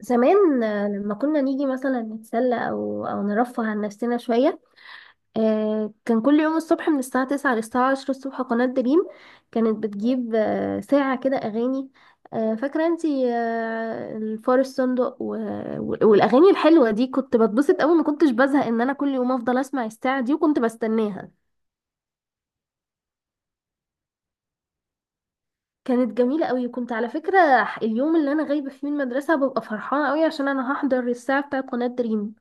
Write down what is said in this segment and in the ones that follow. زمان، لما كنا نيجي مثلا نتسلى أو نرفه عن نفسنا شوية. كان كل يوم الصبح من الساعة تسعة للساعة عشرة الصبح قناة دريم. كانت بتجيب ساعة كده أغاني. فاكرة انتي، الفار الصندوق والأغاني الحلوة دي، كنت بتبسط أوي، ما كنتش بزهق إن أنا كل يوم أفضل أسمع الساعة دي، وكنت بستناها. كانت جميلة أوي، كنت على فكرة. اليوم اللي أنا غايبة فيه من المدرسة ببقى فرحانة أوي عشان أنا هحضر الساعة بتاعة قناة دريم.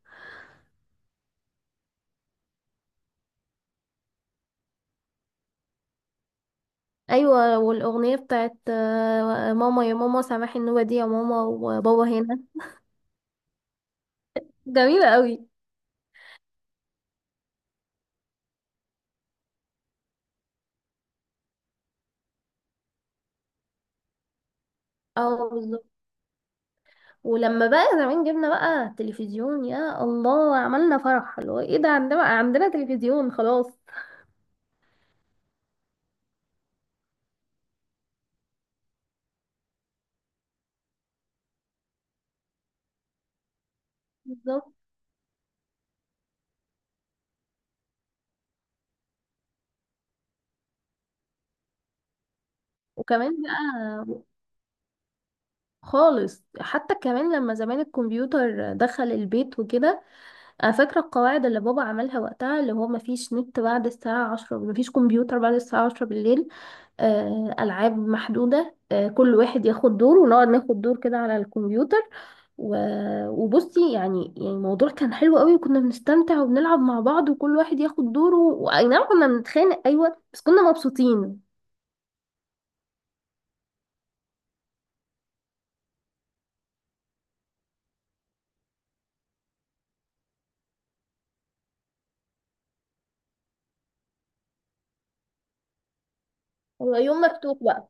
ايوه، والاغنيه بتاعت ماما يا ماما سامحي النوبه دي يا ماما، وبابا هنا. جميله قوي. اه، بالظبط. ولما بقى زمان جبنا بقى تلفزيون، يا الله، عملنا فرح، اللي هو ايه ده، عندنا بقى عندنا تلفزيون خلاص. بالظبط. وكمان بقى خالص، حتى كمان لما زمان الكمبيوتر دخل البيت وكده. انا فاكره القواعد اللي بابا عملها وقتها، اللي هو مفيش نت بعد الساعه 10، مفيش كمبيوتر بعد الساعه 10 بالليل. ألعاب محدودة، كل واحد ياخد دور، ونقعد ناخد دور كده على الكمبيوتر. وبصي يعني الموضوع كان حلو قوي، وكنا بنستمتع وبنلعب مع بعض، وكل واحد ياخد دوره، واي نعم كنا بنتخانق، ايوه، بس كنا مبسوطين. هو يوم مفتوح بقى.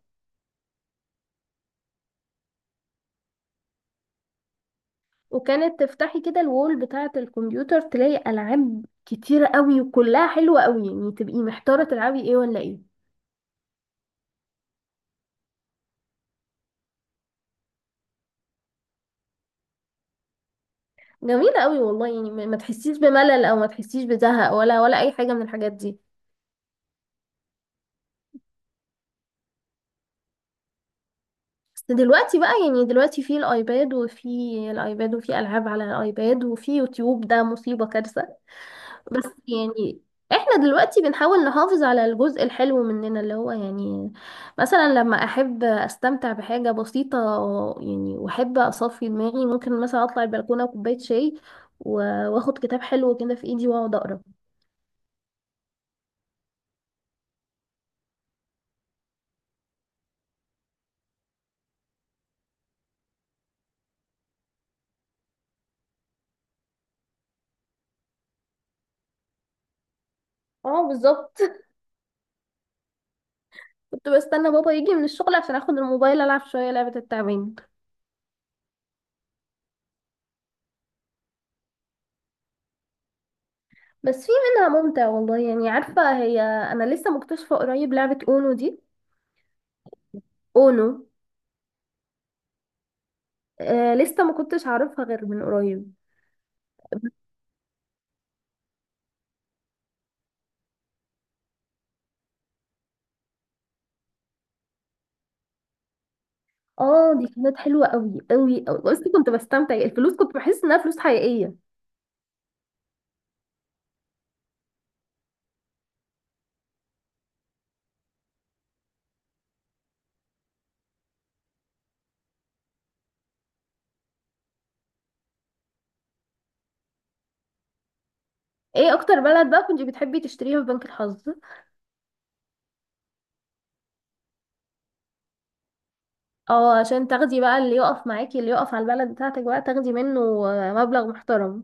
وكانت تفتحي كده الوول بتاعة الكمبيوتر، تلاقي ألعاب كتيرة قوي، وكلها حلوة قوي، يعني تبقي محتارة تلعبي ايه ولا ايه. جميلة قوي والله، يعني ما تحسيش بملل، او ما تحسيش بزهق، ولا اي حاجة من الحاجات دي. دلوقتي بقى، يعني دلوقتي في الايباد وفي الايباد، وفي العاب على الايباد، وفي يوتيوب، ده مصيبة، كارثة. بس يعني احنا دلوقتي بنحاول نحافظ على الجزء الحلو مننا، اللي هو يعني مثلا لما احب استمتع بحاجة بسيطة، يعني واحب اصفي دماغي، ممكن مثلا اطلع البلكونة وكوباية شاي، واخد كتاب حلو كده في ايدي واقعد اقرا. اه، بالظبط. كنت بستنى بابا يجي من الشغل عشان اخد الموبايل، العب شوية لعبة التعبان. بس في منها ممتع والله. يعني عارفة، هي أنا لسه مكتشفة قريب لعبة أونو دي. أونو. آه لسه ما كنتش أعرفها غير من قريب. اه دي كانت حلوة قوي قوي قوي، بس كنت بستمتع، الفلوس كنت بحس إنها فلوس حقيقية. ايه أكتر بلد بقى كنت بتحبي تشتريها في بنك الحظ؟ اه عشان تاخدي بقى اللي يقف معاكي، اللي يقف على البلد بتاعتك بقى تاخدي منه مبلغ محترم.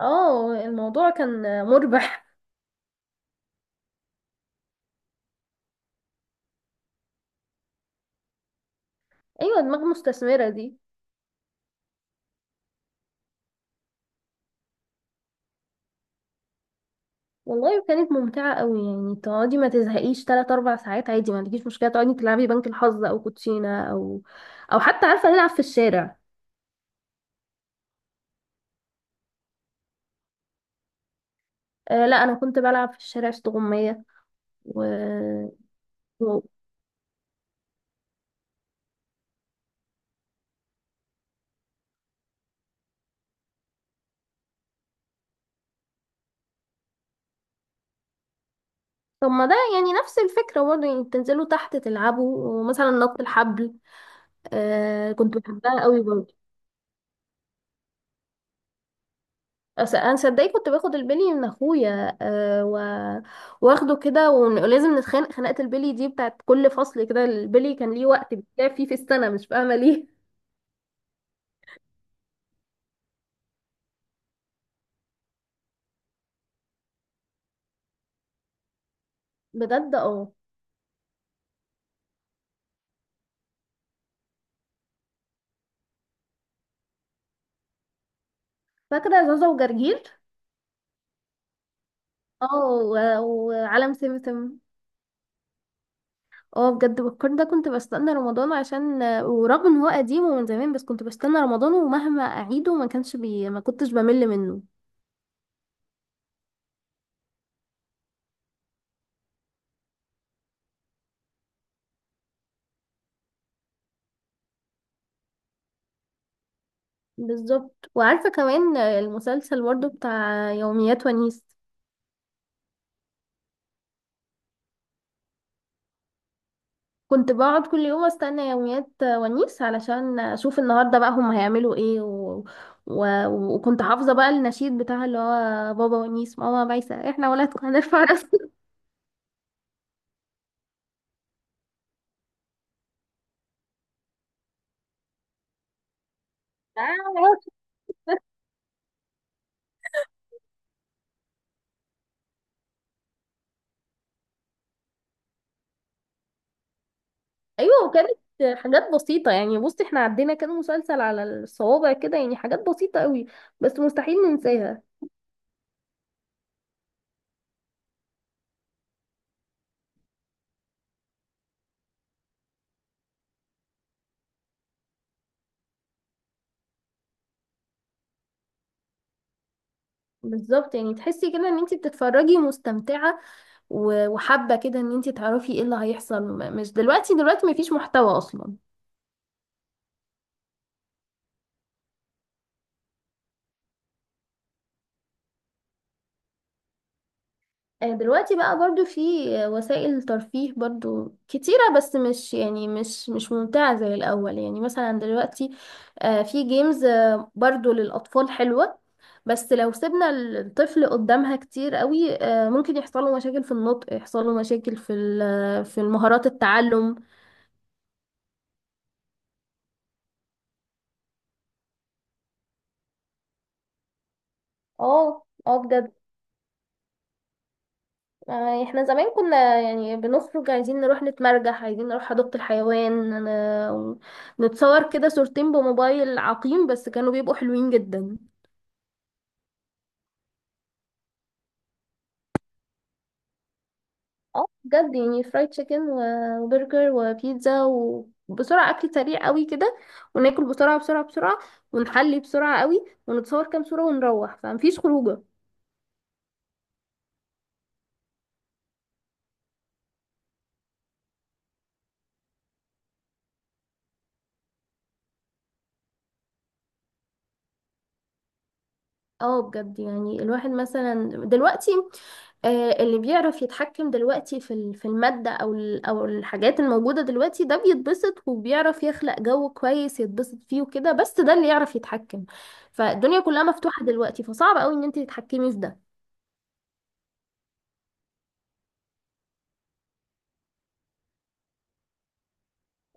اه، الموضوع كان مربح. ايوه، دماغ مستثمرة دي. والله كانت ممتعة قوي، يعني تقعدي ما تزهقيش تلات أربع ساعات عادي، ما عندكيش مشكلة تقعدي تلعبي بنك الحظ أو كوتشينة أو حتى عارفة نلعب في الشارع. آه لا، أنا كنت بلعب في الشارع استغمية. و... و... طب ما ده يعني نفس الفكرة برضه، يعني تنزلوا تحت تلعبوا، ومثلا نط الحبل. آه كنت بحبها قوي برضه. انا صدقني كنت باخد البلي من اخويا واخده كده، ولازم نتخانق خناقه البلي دي، بتاعت كل فصل كده البلي كان ليه وقت بيتلعب فيه في السنه، مش فاهمه ليه. بجد اه. فاكره زازا وجرجير. اه، وعالم سمسم. اه بجد، بكر ده كنت بستنى رمضان، عشان ورغم ان هو قديم ومن زمان، بس كنت بستنى رمضان، ومهما اعيده ما كانش بي... ما كنتش بمل منه. بالظبط، وعارفه كمان المسلسل برضه بتاع يوميات ونيس. كنت بقعد كل يوم استنى يوميات ونيس علشان اشوف النهارده بقى هم هيعملوا ايه وكنت حافظه بقى النشيد بتاع، اللي هو بابا ونيس، ماما بايسه، احنا ولادكم هنرفع راسنا. آه. ايوه، كانت حاجات بسيطه، يعني بصي احنا عدينا كان مسلسل على الصوابع كده، يعني حاجات بسيطه قوي، بس مستحيل ننساها. بالظبط، يعني تحسي كده ان انت بتتفرجي مستمتعه، وحابه كده ان انت تعرفي ايه اللي هيحصل، مش دلوقتي مفيش محتوى اصلا. دلوقتي بقى برضو في، وسائل ترفيه برضو كتيرة، بس مش، يعني مش ممتعة زي الأول، يعني مثلا دلوقتي في جيمز، برضو للأطفال حلوة، بس لو سيبنا الطفل قدامها كتير قوي ممكن يحصل له مشاكل في النطق، يحصل له مشاكل في المهارات التعلم. اه اه، بجد. احنا زمان كنا يعني بنخرج عايزين نروح نتمرجح، عايزين نروح حديقة الحيوان، نتصور كده صورتين بموبايل عقيم، بس كانوا بيبقوا حلوين جدا. اه بجد، يعني فرايد تشيكن وبرجر وبيتزا، وبسرعة، أكل سريع قوي كده، وناكل بسرعة بسرعة بسرعة، ونحلي بسرعة قوي، ونتصور كام صورة ونروح، فمفيش خروجة. اه بجد، يعني الواحد مثلا دلوقتي اللي بيعرف يتحكم دلوقتي في المادة، أو الحاجات الموجودة دلوقتي، ده بيتبسط وبيعرف يخلق جو كويس يتبسط فيه وكده، بس ده اللي يعرف يتحكم. فالدنيا كلها مفتوحة دلوقتي، فصعب قوي إن أنت تتحكمي في ده.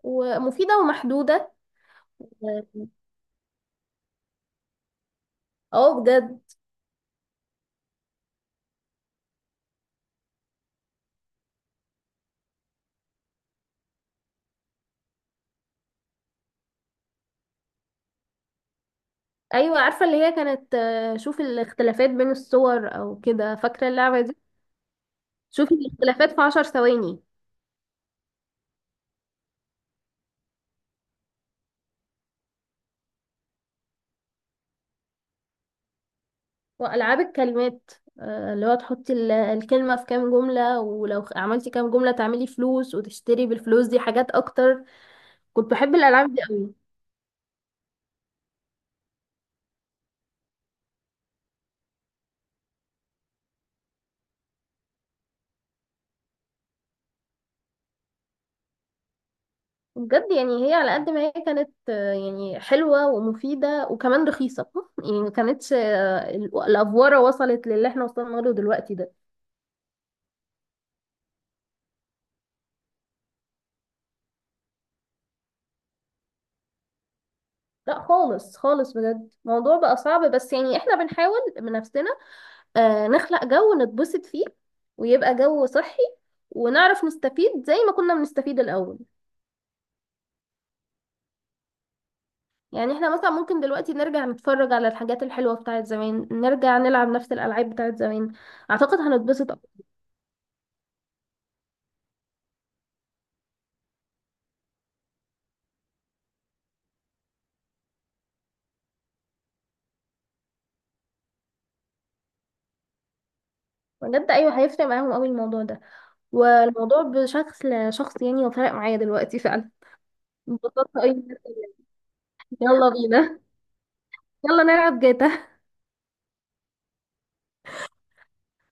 ومفيدة ومحدودة. اه. بجد. أيوة، عارفة اللي هي كانت شوفي الاختلافات بين الصور أو كده، فاكرة اللعبة دي؟ شوفي الاختلافات في عشر ثواني. وألعاب الكلمات، اللي هو تحطي الكلمة في كام جملة، ولو عملتي كام جملة تعملي فلوس، وتشتري بالفلوس دي حاجات أكتر. كنت بحب الألعاب دي قوي. بجد، يعني هي على قد ما هي كانت يعني حلوة ومفيدة وكمان رخيصة. يعني ما كانتش الأفوارة وصلت للي احنا وصلنا له دلوقتي ده. لا خالص خالص، بجد الموضوع بقى صعب، بس يعني احنا بنحاول بنفسنا نخلق جو نتبسط فيه، ويبقى جو صحي، ونعرف نستفيد زي ما كنا بنستفيد الأول. يعني احنا مثلا ممكن دلوقتي نرجع نتفرج على الحاجات الحلوة بتاعت زمان، نرجع نلعب نفس الألعاب بتاعت زمان. أعتقد هنتبسط أكتر. بجد أيوة، هيفرق معاهم أوي الموضوع ده. والموضوع بشكل شخص يعني وفرق معايا دلوقتي فعلا. انبسطت أوي. يلا بينا، يلا نلعب جاتا.